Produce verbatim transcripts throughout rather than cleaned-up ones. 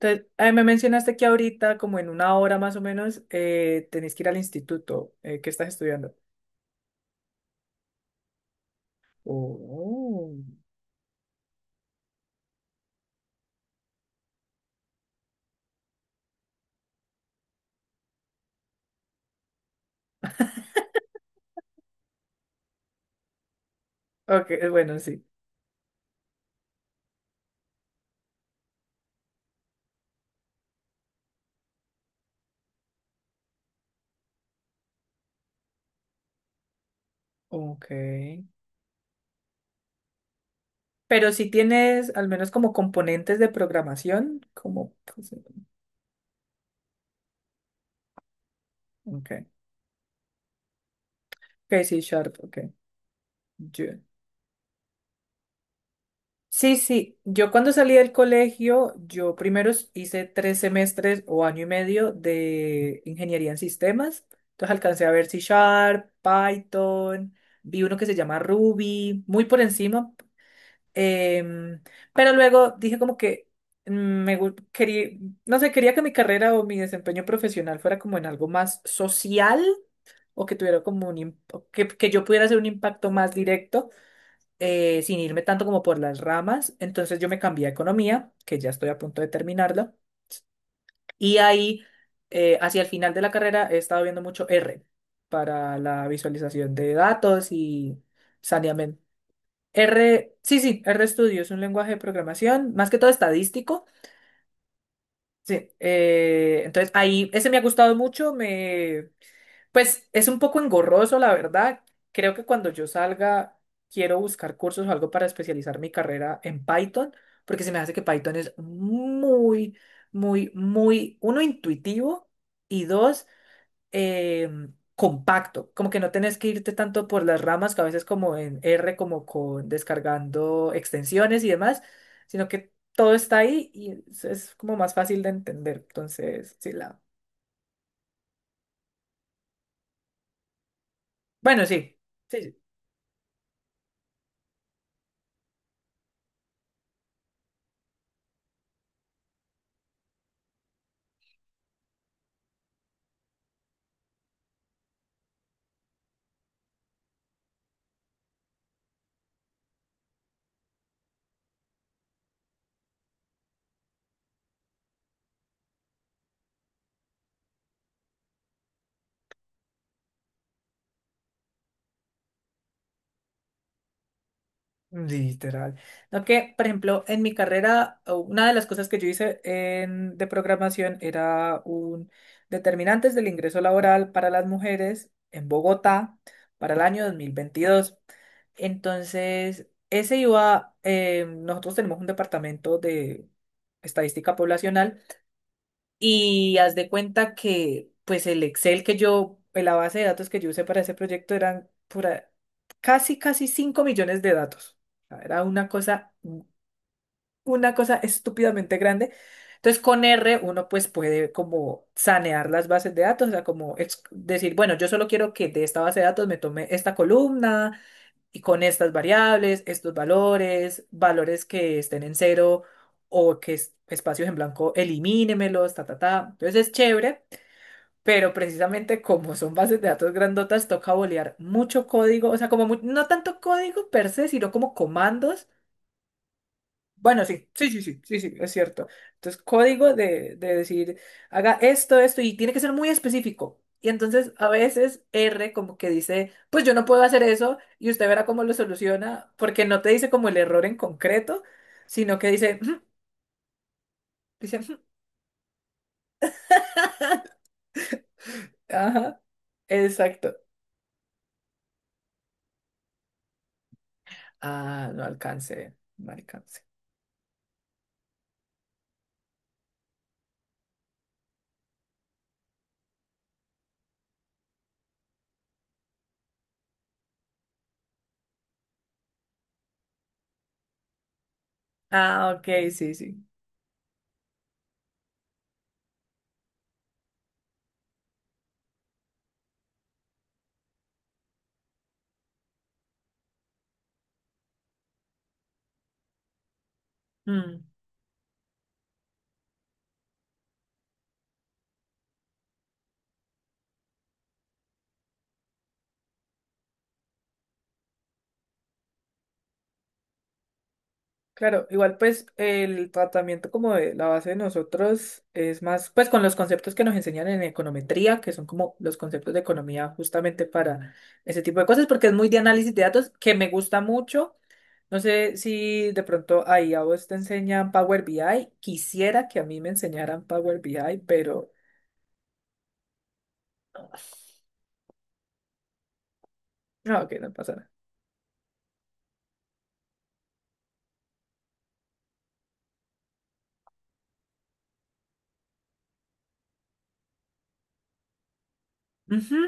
Entonces, eh, me mencionaste que ahorita, como en una hora más o menos, eh, tenés que ir al instituto. Eh, ¿qué estás estudiando? Oh. Ok, eh, bueno, sí. Ok. Pero si tienes al menos como componentes de programación, como. Ok. Ok, sí Sharp, ok. Sí, sí. Yo cuando salí del colegio, yo primero s- hice tres semestres o año y medio de ingeniería en sistemas. Entonces alcancé a ver C Sharp, Python, vi uno que se llama Ruby, muy por encima. em, pero luego dije como que mm, me quería, no sé, quería que mi carrera o mi desempeño profesional fuera como en algo más social o que tuviera como un, imp- que, que yo pudiera hacer un impacto más directo eh, sin irme tanto como por las ramas. Entonces yo me cambié a economía, que ya estoy a punto de terminarla. Y ahí, eh, hacia el final de la carrera, he estado viendo mucho R para la visualización de datos y saneamiento. R, sí, sí, RStudio es un lenguaje de programación, más que todo estadístico. Sí, eh, entonces ahí, ese me ha gustado mucho. me, Pues es un poco engorroso, la verdad. Creo que cuando yo salga, quiero buscar cursos o algo para especializar mi carrera en Python, porque se me hace que Python es muy, muy, muy, uno, intuitivo y dos, eh, compacto. Como que no tenés que irte tanto por las ramas, que a veces como en R, como con descargando extensiones y demás, sino que todo está ahí y es, es como más fácil de entender. Entonces, sí, la. Bueno, sí. Sí, sí. Literal. No que, por ejemplo, en mi carrera, o una de las cosas que yo hice en, de programación era un determinantes del ingreso laboral para las mujeres en Bogotá para el año dos mil veintidós. Entonces, ese iba, eh, nosotros tenemos un departamento de estadística poblacional y haz de cuenta que, pues el Excel que yo, la base de datos que yo usé para ese proyecto eran pura- casi, casi cinco millones de datos. O sea, era una cosa, una cosa estúpidamente grande. Entonces, con R uno pues puede como sanear las bases de datos, o sea, como ex- decir, bueno, yo solo quiero que de esta base de datos me tome esta columna, y con estas variables, estos valores, valores que estén en cero o que es- espacios en blanco, elimínemelos, ta, ta, ta. Entonces es chévere, pero precisamente como son bases de datos grandotas, toca bolear mucho código, o sea, como mu- no tanto código per se, sino como comandos. Bueno, sí, sí, sí, sí, sí, sí, es cierto. Entonces, código de, de decir, haga esto, esto, y tiene que ser muy específico. Y entonces, a veces R como que dice, pues yo no puedo hacer eso, y usted verá cómo lo soluciona, porque no te dice como el error en concreto, sino que dice, "Ujú", dice, "Ujú". Ajá, exacto. Ah, no alcancé, no alcancé. Ah, ok, sí, sí. Mm. Claro, igual pues el tratamiento como de la base de nosotros es más pues con los conceptos que nos enseñan en econometría, que son como los conceptos de economía justamente para ese tipo de cosas, porque es muy de análisis de datos que me gusta mucho. No sé si de pronto ahí a vos te enseñan Power BI. Quisiera que a mí me enseñaran Power BI, pero no, ok, no pasa nada. Ujú.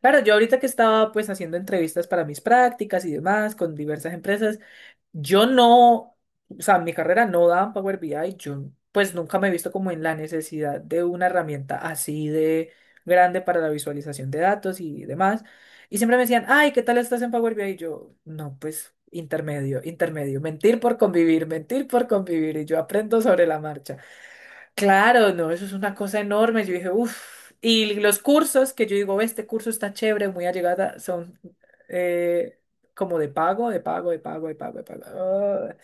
Claro, yo ahorita que estaba pues haciendo entrevistas para mis prácticas y demás con diversas empresas, yo no, o sea, mi carrera no da en Power BI, yo pues nunca me he visto como en la necesidad de una herramienta así de grande para la visualización de datos y demás. Y siempre me decían, ay, ¿qué tal estás en Power BI? Y yo, no, pues intermedio, intermedio, mentir por convivir, mentir por convivir, y yo aprendo sobre la marcha. Claro, no, eso es una cosa enorme. Yo dije, uff. Y los cursos que yo digo, este curso está chévere, muy allegada, son eh, como de pago, de pago, de pago, de pago, de pago. Ah.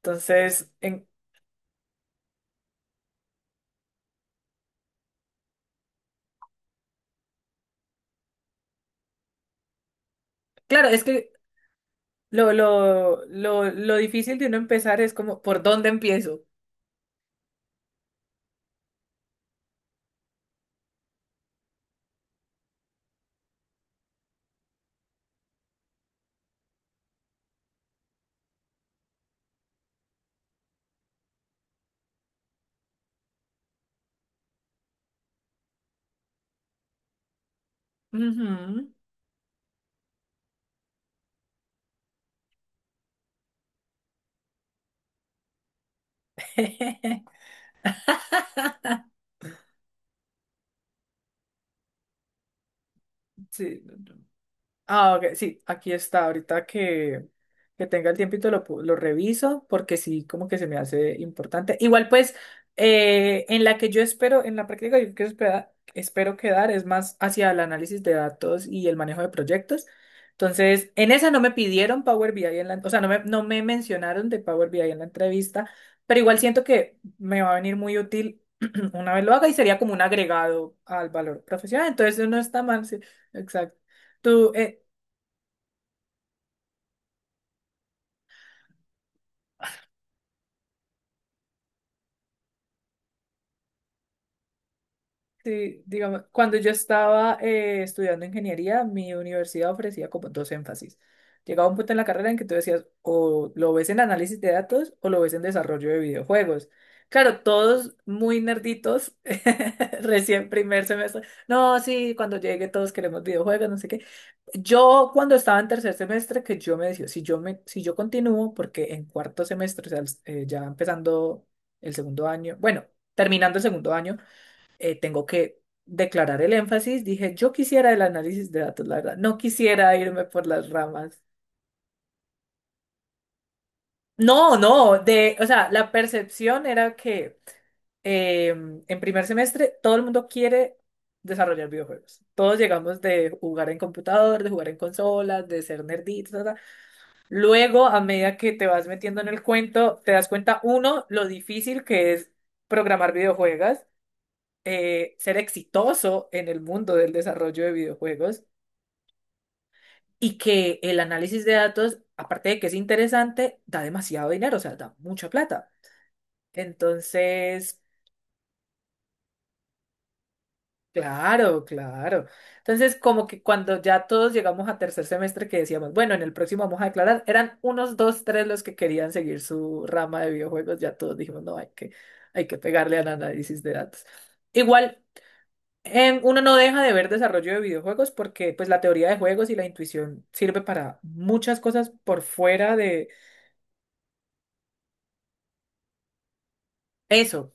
Entonces, en- claro, es que lo, lo, lo, lo difícil de uno empezar es como, ¿por dónde empiezo? Ujú. Sí. Ah, ok, sí, aquí está. Ahorita que, que tenga el tiempito lo, pu- lo reviso porque sí, como que se me hace importante. Igual pues, eh, en la que yo espero, en la práctica yo que espera- espero quedar es más hacia el análisis de datos y el manejo de proyectos. Entonces, en esa no me pidieron Power BI, en la, o sea, no me, no me mencionaron de Power BI en la entrevista, pero igual siento que me va a venir muy útil una vez lo haga y sería como un agregado al valor profesional. Entonces, no está mal, sí, exacto. Tú, eh, Sí, digamos, cuando yo estaba eh, estudiando ingeniería, mi universidad ofrecía como dos énfasis. Llegaba un punto en la carrera en que tú decías, o lo ves en análisis de datos o lo ves en desarrollo de videojuegos. Claro, todos muy nerditos, recién primer semestre. No, sí, cuando llegue todos queremos videojuegos, no sé qué. Yo cuando estaba en tercer semestre, que yo me decía, si yo me, si yo continúo, porque en cuarto semestre, o sea, eh, ya empezando el segundo año, bueno, terminando el segundo año eh, tengo que declarar el énfasis. Dije, yo quisiera el análisis de datos, la verdad. No quisiera irme por las ramas. No, no, de, o sea, la percepción era que eh, en primer semestre todo el mundo quiere desarrollar videojuegos. Todos llegamos de jugar en computador, de jugar en consolas, de ser nerditos, ta, ta. Luego, a medida que te vas metiendo en el cuento, te das cuenta, uno, lo difícil que es programar videojuegos, eh, ser exitoso en el mundo del desarrollo de videojuegos. Y que el análisis de datos, aparte de que es interesante, da demasiado dinero, o sea, da mucha plata. Entonces, claro, claro. Entonces, como que cuando ya todos llegamos a tercer semestre que decíamos, bueno, en el próximo vamos a declarar, eran unos dos, tres los que querían seguir su rama de videojuegos, ya todos dijimos, no, hay que, hay que pegarle al análisis de datos. Igual. em, uno no deja de ver desarrollo de videojuegos porque pues la teoría de juegos y la intuición sirve para muchas cosas por fuera de eso.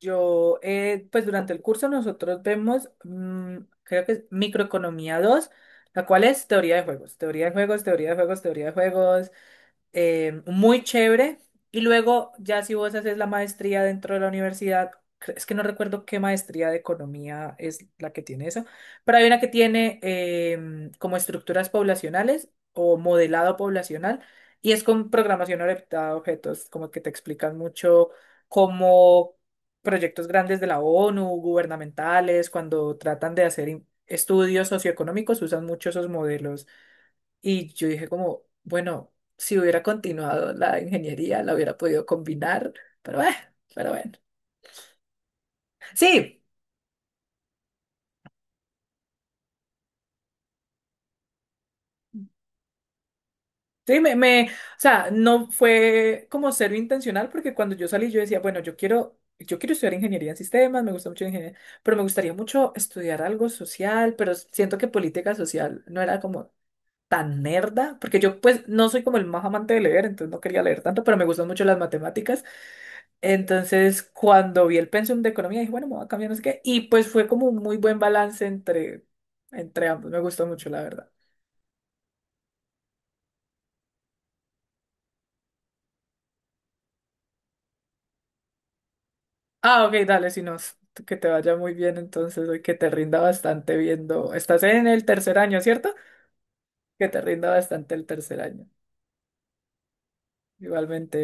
Yo, eh, pues durante el curso nosotros vemos, mm, creo que es microeconomía dos la cual es teoría de juegos, teoría de juegos, teoría de juegos, teoría de juegos, eh, muy chévere. Y luego, ya si vos haces la maestría dentro de la universidad, cre- es que no recuerdo qué maestría de economía es la que tiene eso, pero hay una que tiene em, como estructuras poblacionales o modelado poblacional y es con programación orientada a objetos, como que te explican mucho cómo proyectos grandes de la ONU, gubernamentales, cuando tratan de hacer in- estudios socioeconómicos, usan mucho esos modelos y yo dije como, bueno, si hubiera continuado la ingeniería, la hubiera podido combinar, pero eh, pero bueno. Sí, sí, me, me, o sea, no fue como cero intencional porque cuando yo salí yo decía, bueno, yo quiero, yo quiero estudiar ingeniería en sistemas, me gusta mucho la ingeniería, pero me gustaría mucho estudiar algo social, pero siento que política social no era como tan nerda, porque yo pues no soy como el más amante de leer, entonces no quería leer tanto, pero me gustan mucho las matemáticas. Entonces, cuando vi el pensum de economía, dije, bueno, me voy a cambiar, no sé qué, y pues fue como un muy buen balance entre, entre ambos, me gustó mucho, la verdad. Ah, ok, dale, si no, s- que te vaya muy bien entonces, y que te rinda bastante viendo, estás en el tercer año, ¿cierto? Que te rinda bastante el tercer año. Igualmente.